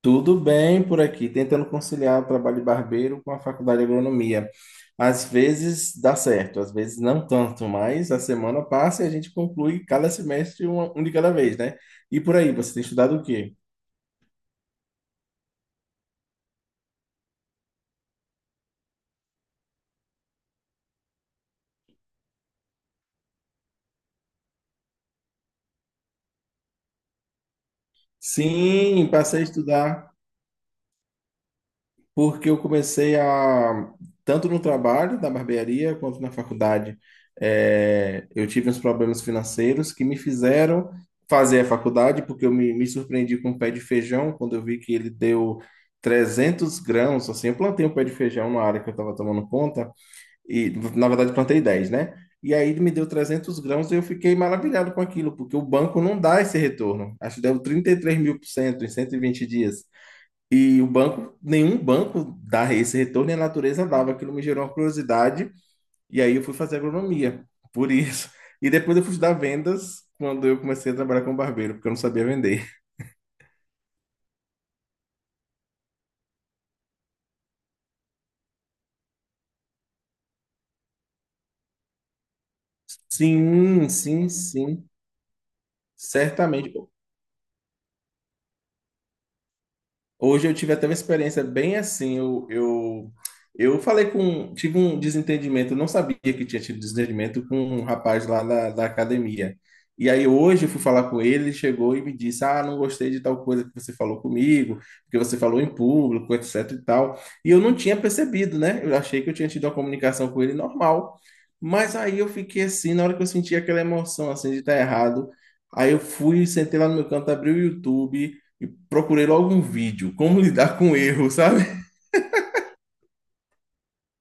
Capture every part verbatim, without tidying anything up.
Tudo bem por aqui, tentando conciliar o trabalho de barbeiro com a faculdade de agronomia. Às vezes dá certo, às vezes não tanto, mas a semana passa e a gente conclui cada semestre um, um de cada vez, né? E por aí, você tem estudado o quê? Sim, passei a estudar, porque eu comecei a, tanto no trabalho da barbearia quanto na faculdade, eh, eu tive uns problemas financeiros que me fizeram fazer a faculdade, porque eu me, me surpreendi com um pé de feijão. Quando eu vi que ele deu trezentos grãos, assim, eu plantei um pé de feijão na área que eu estava tomando conta, e na verdade plantei dez, né? E aí ele me deu trezentos grãos e eu fiquei maravilhado com aquilo, porque o banco não dá esse retorno. Acho que deu 33 mil por cento em cento e vinte dias. E o banco, nenhum banco dá esse retorno, e a natureza dava. Aquilo me gerou uma curiosidade, e aí eu fui fazer agronomia, por isso. E depois eu fui estudar vendas quando eu comecei a trabalhar com barbeiro, porque eu não sabia vender. Sim, sim, sim, certamente. Hoje eu tive até uma experiência bem assim. Eu, eu, eu falei com. Tive um desentendimento, eu não sabia que tinha tido desentendimento com um rapaz lá da, da academia. E aí hoje eu fui falar com ele, ele chegou e me disse: "Ah, não gostei de tal coisa que você falou comigo, porque você falou em público, etc e tal." E eu não tinha percebido, né? Eu achei que eu tinha tido uma comunicação com ele normal. Mas aí eu fiquei assim, na hora que eu senti aquela emoção assim de estar errado. Aí eu fui, sentei lá no meu canto, abri o YouTube e procurei logo um vídeo, como lidar com erro, sabe?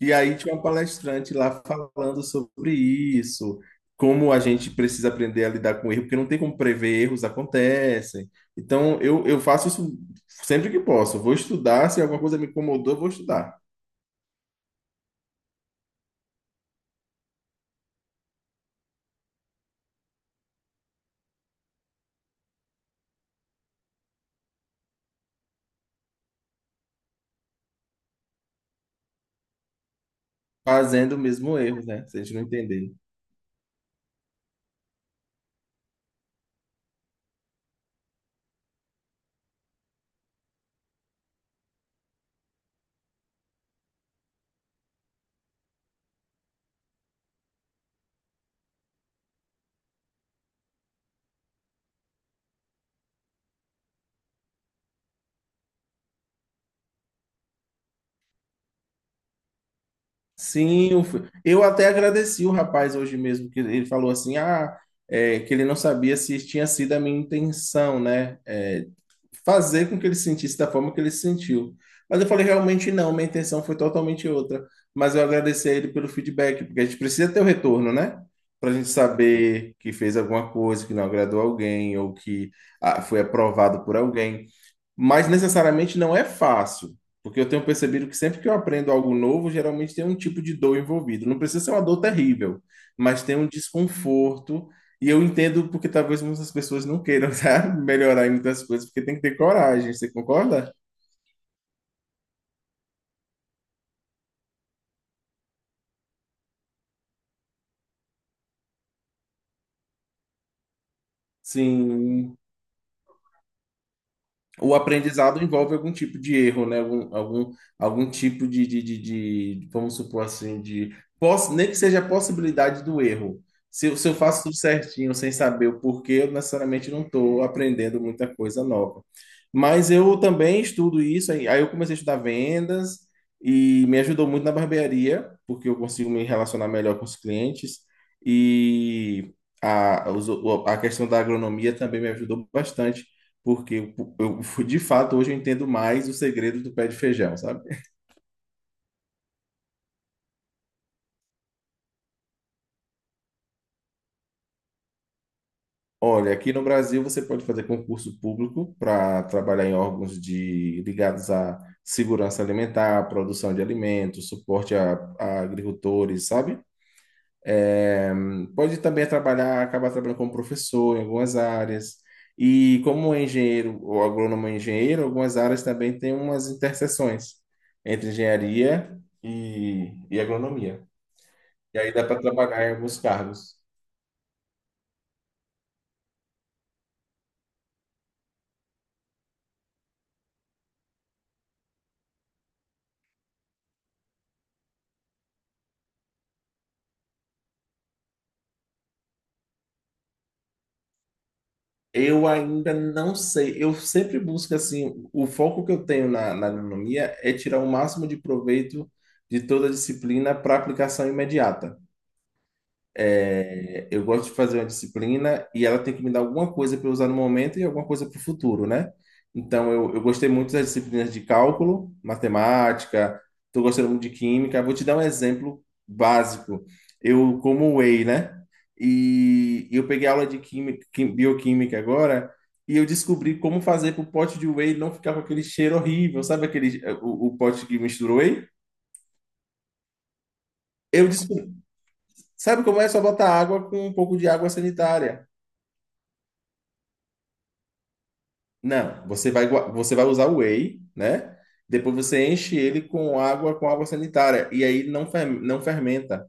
E aí tinha uma palestrante lá falando sobre isso, como a gente precisa aprender a lidar com erro, porque não tem como prever, erros acontecem. Então eu, eu faço isso sempre que posso. Eu vou estudar, se alguma coisa me incomodou, eu vou estudar. Fazendo o mesmo erro, né? Se a gente não entender. Sim, eu, fui- eu até agradeci o rapaz hoje mesmo, que ele falou assim, ah, é, que ele não sabia se tinha sido a minha intenção, né? É, fazer com que ele se sentisse da forma que ele se sentiu. Mas eu falei, realmente não, minha intenção foi totalmente outra. Mas eu agradeci a ele pelo feedback, porque a gente precisa ter o retorno, né? Para a gente saber que fez alguma coisa que não agradou alguém ou que, ah, foi aprovado por alguém, mas necessariamente não é fácil, porque eu tenho percebido que sempre que eu aprendo algo novo, geralmente tem um tipo de dor envolvido. Não precisa ser uma dor terrível, mas tem um desconforto, e eu entendo porque talvez muitas pessoas não queiram, sabe, melhorar em muitas coisas, porque tem que ter coragem, você concorda? Sim, o aprendizado envolve algum tipo de erro, né? Algum, algum, algum tipo de, de, de, de- vamos supor assim, de, poss- nem que seja a possibilidade do erro. Se, eu- se eu faço tudo certinho, sem saber o porquê, eu necessariamente não estou aprendendo muita coisa nova. Mas eu também estudo isso. Aí aí eu comecei a estudar vendas e me ajudou muito na barbearia, porque eu consigo me relacionar melhor com os clientes e a, os- a questão da agronomia também me ajudou bastante, porque eu, eu, de fato hoje eu entendo mais o segredo do pé de feijão, sabe? Olha, aqui no Brasil você pode fazer concurso público para trabalhar em órgãos de, ligados à segurança alimentar, produção de alimentos, suporte a, a agricultores, sabe? É, pode também trabalhar, acabar trabalhando como professor em algumas áreas. E como engenheiro, ou agrônomo é engenheiro, algumas áreas também têm umas interseções entre engenharia e, e agronomia. E aí dá para trabalhar em alguns cargos. Eu ainda não sei. Eu sempre busco assim, o foco que eu tenho na, na agronomia é tirar o máximo de proveito de toda a disciplina para aplicação imediata. É, eu gosto de fazer uma disciplina e ela tem que me dar alguma coisa para eu usar no momento e alguma coisa para o futuro, né? Então, eu, eu gostei muito das disciplinas de cálculo, matemática, estou gostando muito de química. Vou te dar um exemplo básico. Eu como whey, né? E eu peguei aula de química, quim- bioquímica agora, e eu descobri como fazer para o pote de whey não ficar com aquele cheiro horrível. Sabe aquele, o, o pote que mistura whey? Eu descobri. Sabe como é? É só botar água com um pouco de água sanitária. Não, você vai, gua- você vai usar o whey, né? Depois você enche ele com água, com água sanitária. E aí não, fer- não fermenta.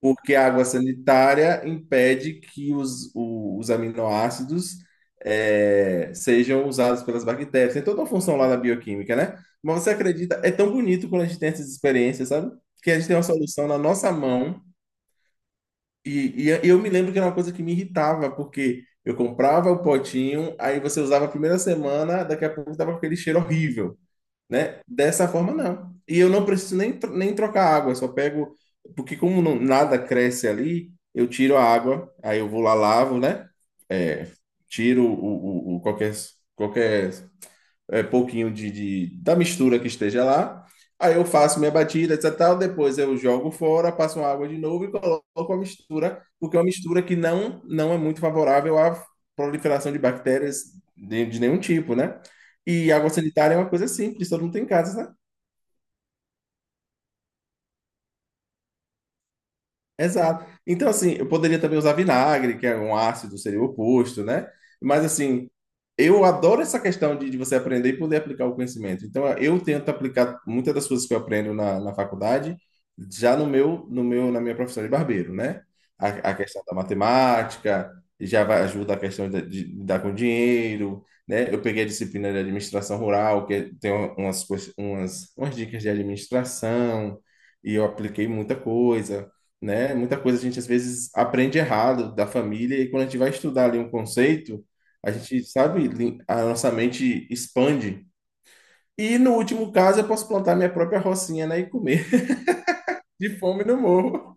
Porque a água sanitária impede que os, o- os aminoácidos eh, sejam usados pelas bactérias. Tem toda uma função lá na bioquímica, né? Mas você acredita? É tão bonito quando a gente tem essas experiências, sabe? Que a gente tem uma solução na nossa mão, e, e eu me lembro que era uma coisa que me irritava, porque eu comprava o potinho, aí você usava a primeira semana, daqui a pouco tava com aquele cheiro horrível, né? Dessa forma, não. E eu não preciso nem, tro- nem trocar água, eu só pego, porque como não- nada cresce ali, eu tiro a água, aí eu vou lá, lavo, né? É, tiro o, o, o- qualquer, qualquer, é, pouquinho de, de- da mistura que esteja lá. Aí eu faço minha batida, etcétera e tal. Depois eu jogo fora, passo uma água de novo e coloco a mistura, porque é uma mistura que não, não é muito favorável à proliferação de bactérias de, de nenhum tipo, né? E água sanitária é uma coisa simples, todo mundo tem em casa, né? Exato. Então, assim, eu poderia também usar vinagre, que é um ácido, seria o oposto, né? Mas, assim, eu adoro essa questão de, de você aprender e poder aplicar o conhecimento. Então, eu tento aplicar muitas das coisas que eu aprendo na, na faculdade já no meu, no meu, na minha profissão de barbeiro, né? A, a questão da matemática já vai, ajuda a questão de, de lidar com dinheiro, né? Eu peguei a disciplina de administração rural, que tem um, umas, coisas- umas, umas dicas de administração, e eu apliquei muita coisa, né? Muita coisa a gente às vezes aprende errado da família, e quando a gente vai estudar ali um conceito, a gente sabe, lin- a nossa mente expande. E no último caso, eu posso plantar minha própria rocinha, né, e comer de fome no morro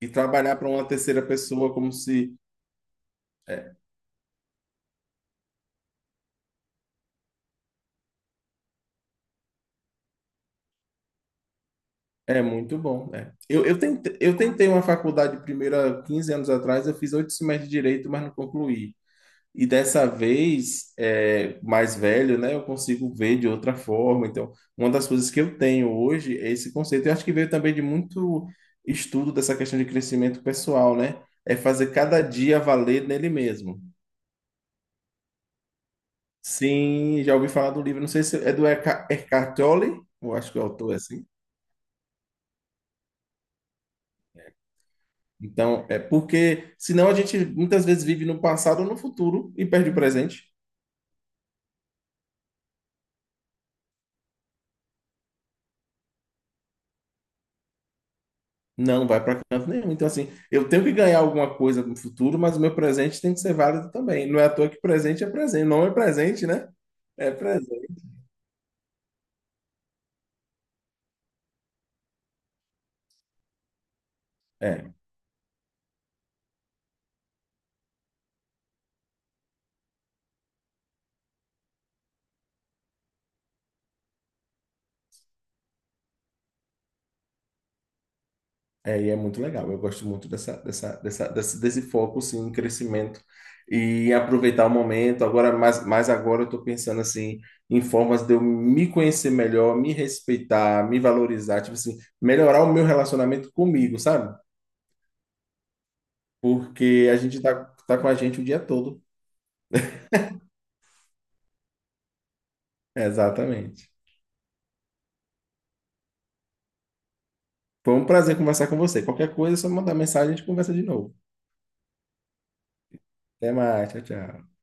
e trabalhar para uma terceira pessoa como se é, é muito bom, né? Eu, eu tentei, eu tentei uma faculdade primeiro há quinze anos atrás, eu fiz oito semestres de direito, mas não concluí. E dessa vez, é, mais velho, né, eu consigo ver de outra forma. Então, uma das coisas que eu tenho hoje é esse conceito. Eu acho que veio também de muito estudo dessa questão de crescimento pessoal, né? É fazer cada dia valer nele mesmo. Sim, já ouvi falar do livro, não sei se é do Erca- Eckhart Tolle, eu acho que o autor é assim. Então, é porque senão a gente muitas vezes vive no passado ou no futuro e perde o presente. Não, vai para canto nenhum. Então, assim, eu tenho que ganhar alguma coisa no futuro, mas o meu presente tem que ser válido também. Não é à toa que presente é presente. Não é presente, né? É presente. É, é, e é muito legal. Eu gosto muito dessa, dessa, dessa, desse, desse foco, sim, em crescimento e aproveitar o momento. Agora, mais, mais agora, eu estou pensando, assim, em formas de eu me conhecer melhor, me respeitar, me valorizar, tipo assim, melhorar o meu relacionamento comigo, sabe? Porque a gente tá, tá com a gente o dia todo. Exatamente. Foi um prazer conversar com você. Qualquer coisa, é só mandar mensagem e a gente conversa de novo. Até mais, tchau, tchau.